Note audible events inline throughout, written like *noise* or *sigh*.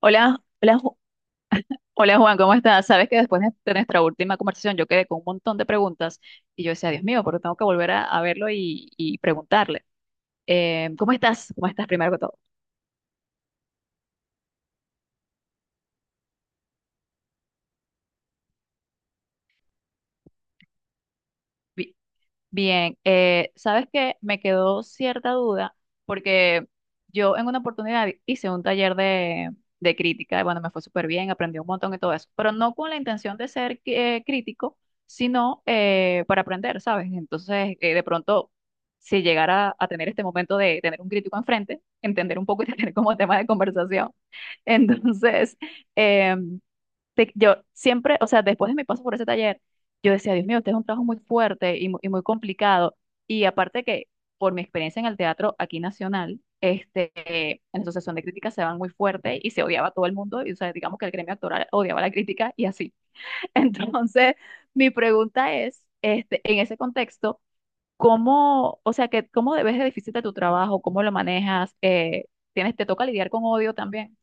Hola, hola, hola Juan, ¿cómo estás? Sabes que después de nuestra última conversación yo quedé con un montón de preguntas y yo decía, Dios mío, porque tengo que volver a verlo y preguntarle. ¿Cómo estás? ¿Cómo estás primero que todo? Bien, ¿sabes que me quedó cierta duda porque yo en una oportunidad hice un taller de crítica? Y bueno, me fue súper bien, aprendí un montón y todo eso, pero no con la intención de ser crítico, sino para aprender, ¿sabes? Entonces, de pronto, si llegara a tener este momento de tener un crítico enfrente, entender un poco y *laughs* tener como tema de conversación, entonces, em, yo siempre, o sea, después de mi paso por ese taller, yo decía, Dios mío, este es un trabajo muy fuerte y, y muy complicado. Y aparte que por mi experiencia en el teatro aquí nacional, este, en la Asociación de Críticas se van muy fuerte y se odiaba a todo el mundo. Y, o sea, digamos que el gremio actoral odiaba la crítica y así. *laughs* Entonces, mi pregunta es, este, en ese contexto, ¿cómo, o sea, que, cómo debes de difícil de tu trabajo? ¿Cómo lo manejas? ¿Tienes, te toca lidiar con odio también?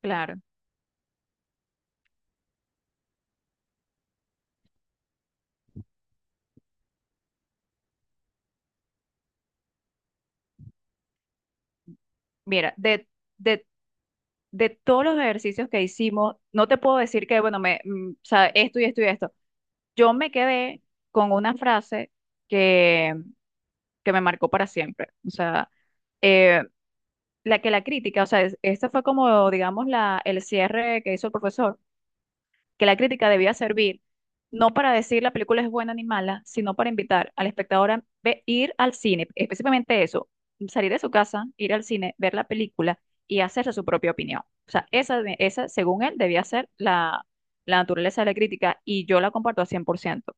Claro. Mira, de de todos los ejercicios que hicimos, no te puedo decir que, bueno, me, o sea, esto y esto y esto. Yo me quedé con una frase que, que me marcó para siempre. O sea, eh, la que la crítica, o sea, esta fue como, digamos, la, el cierre que hizo el profesor, que la crítica debía servir no para decir la película es buena ni mala, sino para invitar al espectador a ir al cine, específicamente eso, salir de su casa, ir al cine, ver la película y hacerse su propia opinión. O sea, esa, esa según él, debía ser la, la naturaleza de la crítica y yo la comparto al 100%.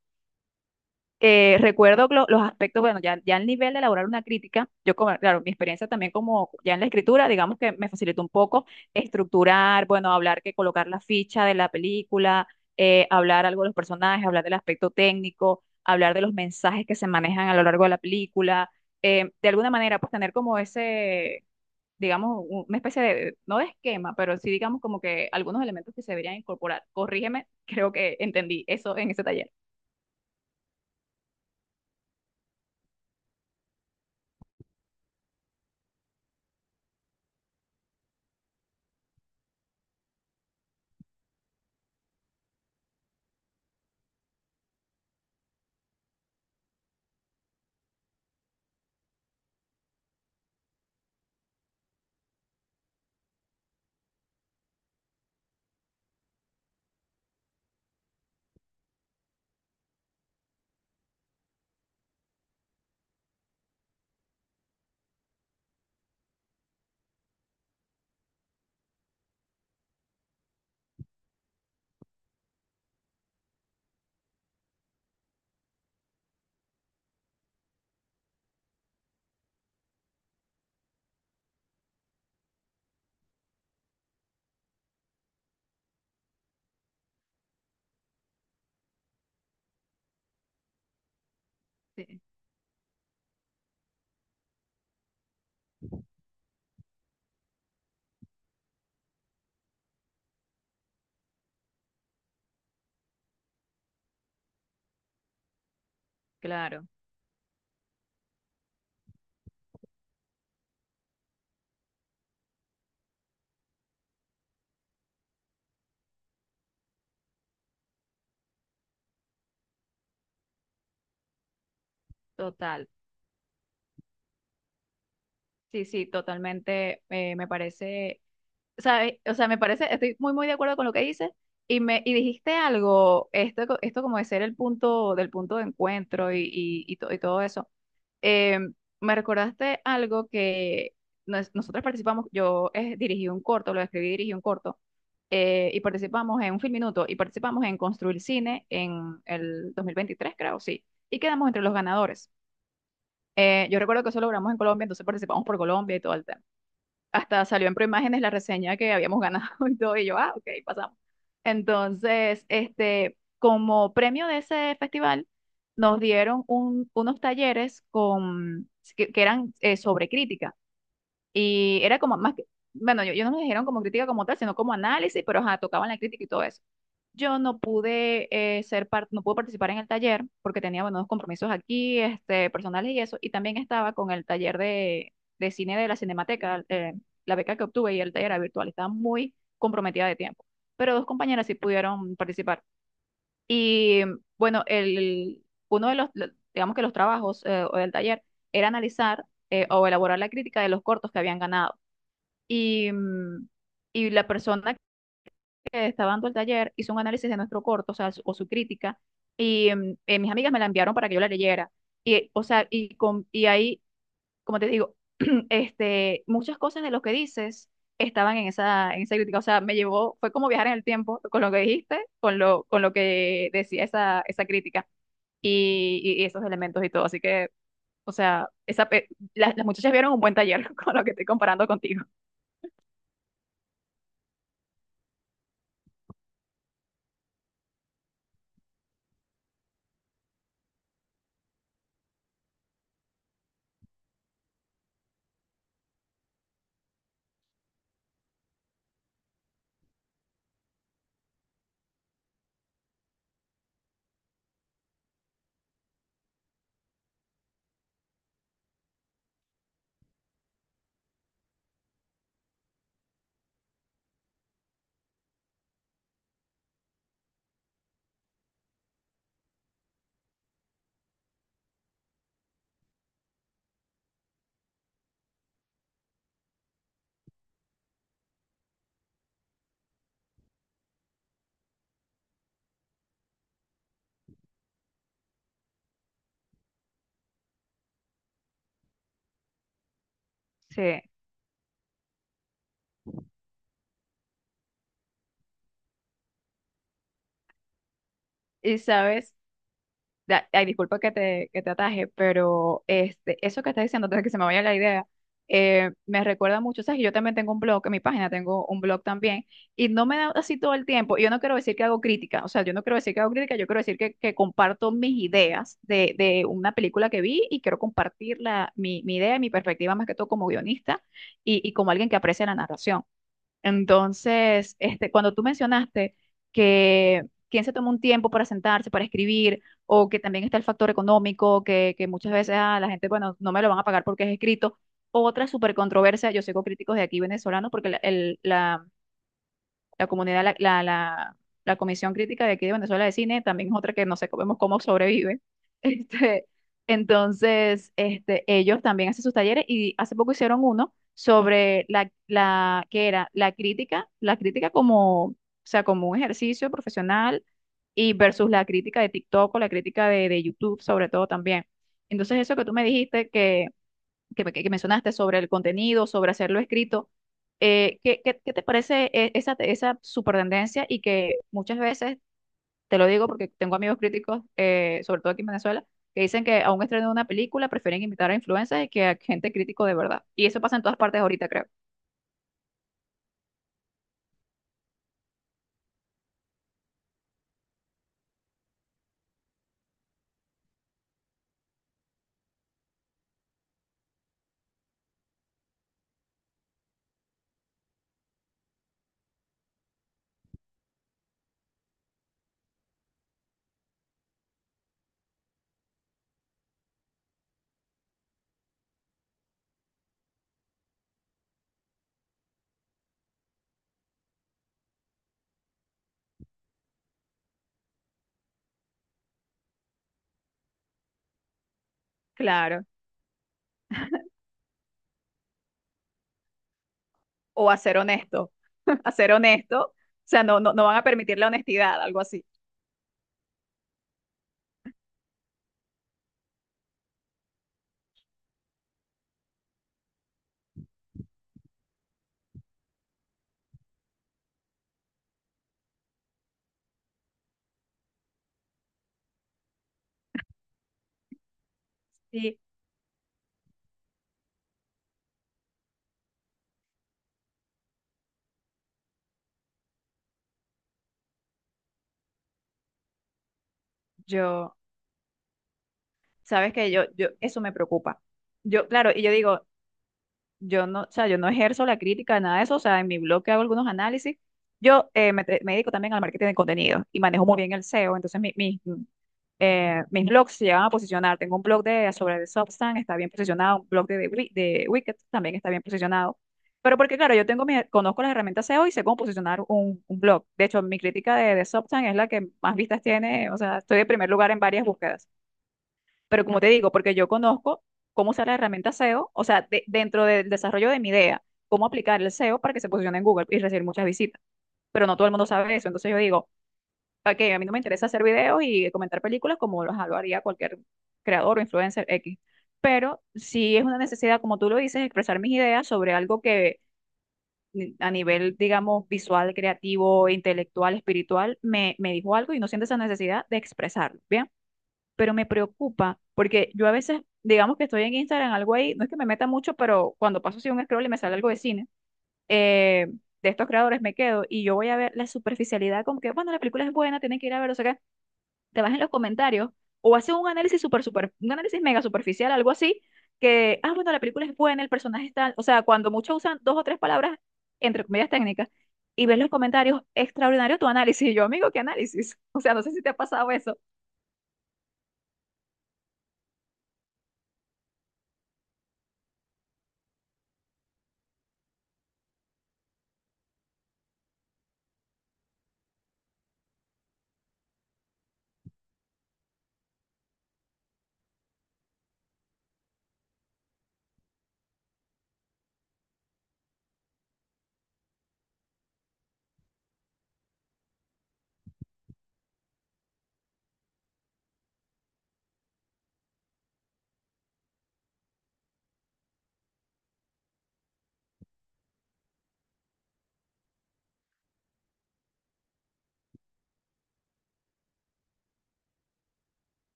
Recuerdo los aspectos, bueno, ya, ya al nivel de elaborar una crítica, yo, claro, mi experiencia también como ya en la escritura, digamos que me facilitó un poco estructurar, bueno, hablar que colocar la ficha de la película, hablar algo de los personajes, hablar del aspecto técnico, hablar de los mensajes que se manejan a lo largo de la película, de alguna manera, pues tener como ese, digamos, una especie de, no de esquema, pero sí digamos como que algunos elementos que se deberían incorporar. Corrígeme, *laughs* creo que entendí eso en ese taller. Sí, claro. Total. Sí, sí, totalmente. Me parece, ¿sabes? O sea, me parece, estoy muy, muy de acuerdo con lo que dices. Y me, y dijiste algo, esto, esto como de ser el punto, del punto de encuentro y, y todo eso. Eh, me recordaste algo que nosotros participamos, yo dirigí un corto, lo escribí y dirigí un corto, y participamos en un film minuto, y participamos en Construir Cine en el 2023, creo, sí. Y quedamos entre los ganadores. Yo recuerdo que eso logramos en Colombia, entonces participamos por Colombia y todo, hasta salió en Proimágenes la reseña que habíamos ganado *laughs* y todo, y yo, ah, ok, pasamos. Entonces, este, como premio de ese festival, nos dieron unos talleres con, que eran sobre crítica. Y era como más que, bueno, yo no me dijeron como crítica como tal, sino como análisis, pero ajá, tocaban la crítica y todo eso. Yo no pude ser parte, no pude participar en el taller porque tenía, bueno, unos compromisos aquí, este, personales y eso, y también estaba con el taller de cine de la Cinemateca, la beca que obtuve y el taller era virtual, estaba muy comprometida de tiempo. Pero dos compañeras sí pudieron participar. Y bueno, el, uno de los, digamos que los trabajos o del taller era analizar o elaborar la crítica de los cortos que habían ganado. Y, y la persona que estaba dando el taller hizo un análisis de nuestro corto, o sea, o su crítica, y mis amigas me la enviaron para que yo la leyera. Y, o sea, y, con, y ahí, como te digo, *clears throat* este, muchas cosas de lo que dices estaban en esa crítica, o sea, me llevó, fue como viajar en el tiempo con lo que dijiste, con lo que decía esa, esa crítica y, y esos elementos y todo. Así que, o sea, esa, las muchachas vieron un buen taller *laughs* con lo que estoy comparando contigo. Sí. Y sabes, ay, disculpa que te ataje, pero este, eso que estás diciendo, antes de que se me vaya la idea, me recuerda mucho, ¿sabes? Que yo también tengo un blog, en mi página tengo un blog también, y no me da así todo el tiempo, y yo no quiero decir que hago crítica, o sea, yo no quiero decir que hago crítica, yo quiero decir que comparto mis ideas de una película que vi y quiero compartir la, mi idea y mi perspectiva más que todo como guionista y como alguien que aprecia la narración. Entonces, este, cuando tú mencionaste que quien se toma un tiempo para sentarse, para escribir, o que también está el factor económico, que muchas veces ah, la gente, bueno, no me lo van a pagar porque es escrito. Otra súper controversia, yo sigo críticos de aquí venezolanos porque la, la comunidad, la, la Comisión Crítica de aquí de Venezuela de Cine, también es otra que no sé cómo, cómo sobrevive. *laughs* Este, entonces, este, ellos también hacen sus talleres y hace poco hicieron uno sobre la, la, que era la crítica como, o sea, como un ejercicio profesional y versus la crítica de TikTok o la crítica de YouTube, sobre todo también. Entonces, eso que tú me dijiste que, que mencionaste sobre el contenido, sobre hacerlo escrito. ¿Qué, qué te parece esa, esa super tendencia? Y que muchas veces, te lo digo porque tengo amigos críticos, sobre todo aquí en Venezuela, que dicen que a un estreno de una película prefieren invitar a influencers que a gente crítico de verdad. Y eso pasa en todas partes ahorita, creo. Claro. O a ser honesto. *laughs* A ser honesto. O sea, no, no, no van a permitir la honestidad, algo así. Sí. Yo, sabes que yo, eso me preocupa. Yo, claro, y yo digo, yo no, o sea, yo no ejerzo la crítica, nada de eso, o sea, en mi blog que hago algunos análisis, yo me, me dedico también al marketing de contenido y manejo muy bien el SEO, entonces mis blogs se llegan a posicionar, tengo un blog de, sobre el Substack, está bien posicionado, un blog de Wicked también está bien posicionado, pero porque claro, yo tengo conozco las herramientas SEO y sé cómo posicionar un blog. De hecho, mi crítica de Substack es la que más vistas tiene, o sea, estoy de primer lugar en varias búsquedas. Pero como te digo, porque yo conozco cómo usar la herramienta SEO, o sea, dentro del desarrollo de mi idea, cómo aplicar el SEO para que se posicione en Google y recibir muchas visitas. Pero no todo el mundo sabe eso. Entonces yo digo, ok, a mí no me interesa hacer videos y comentar películas como lo haría cualquier creador o influencer X. Pero sí es una necesidad, como tú lo dices, expresar mis ideas sobre algo que a nivel, digamos, visual, creativo, intelectual, espiritual, me dijo algo y no siento esa necesidad de expresarlo. Bien, pero me preocupa porque yo a veces, digamos que estoy en Instagram, algo ahí, no es que me meta mucho, pero cuando paso así un scroll y me sale algo de cine, eh, de estos creadores me quedo y yo voy a ver la superficialidad, como que, bueno, la película es buena, tienen que ir a ver, o sea que te vas en los comentarios o haces un análisis super, super, un análisis mega superficial, algo así, que, ah, bueno, la película es buena, el personaje está, o sea, cuando muchos usan dos o tres palabras, entre comillas técnicas, y ves los comentarios, extraordinario tu análisis, y yo, amigo, ¿qué análisis? *laughs* O sea, no sé si te ha pasado eso.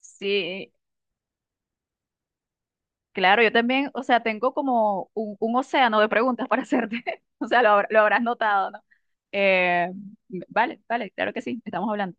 Sí, claro, yo también, o sea, tengo como un océano de preguntas para hacerte. *laughs* O sea, lo, lo habrás notado, ¿no? Eh, vale, vale, claro que sí, estamos hablando.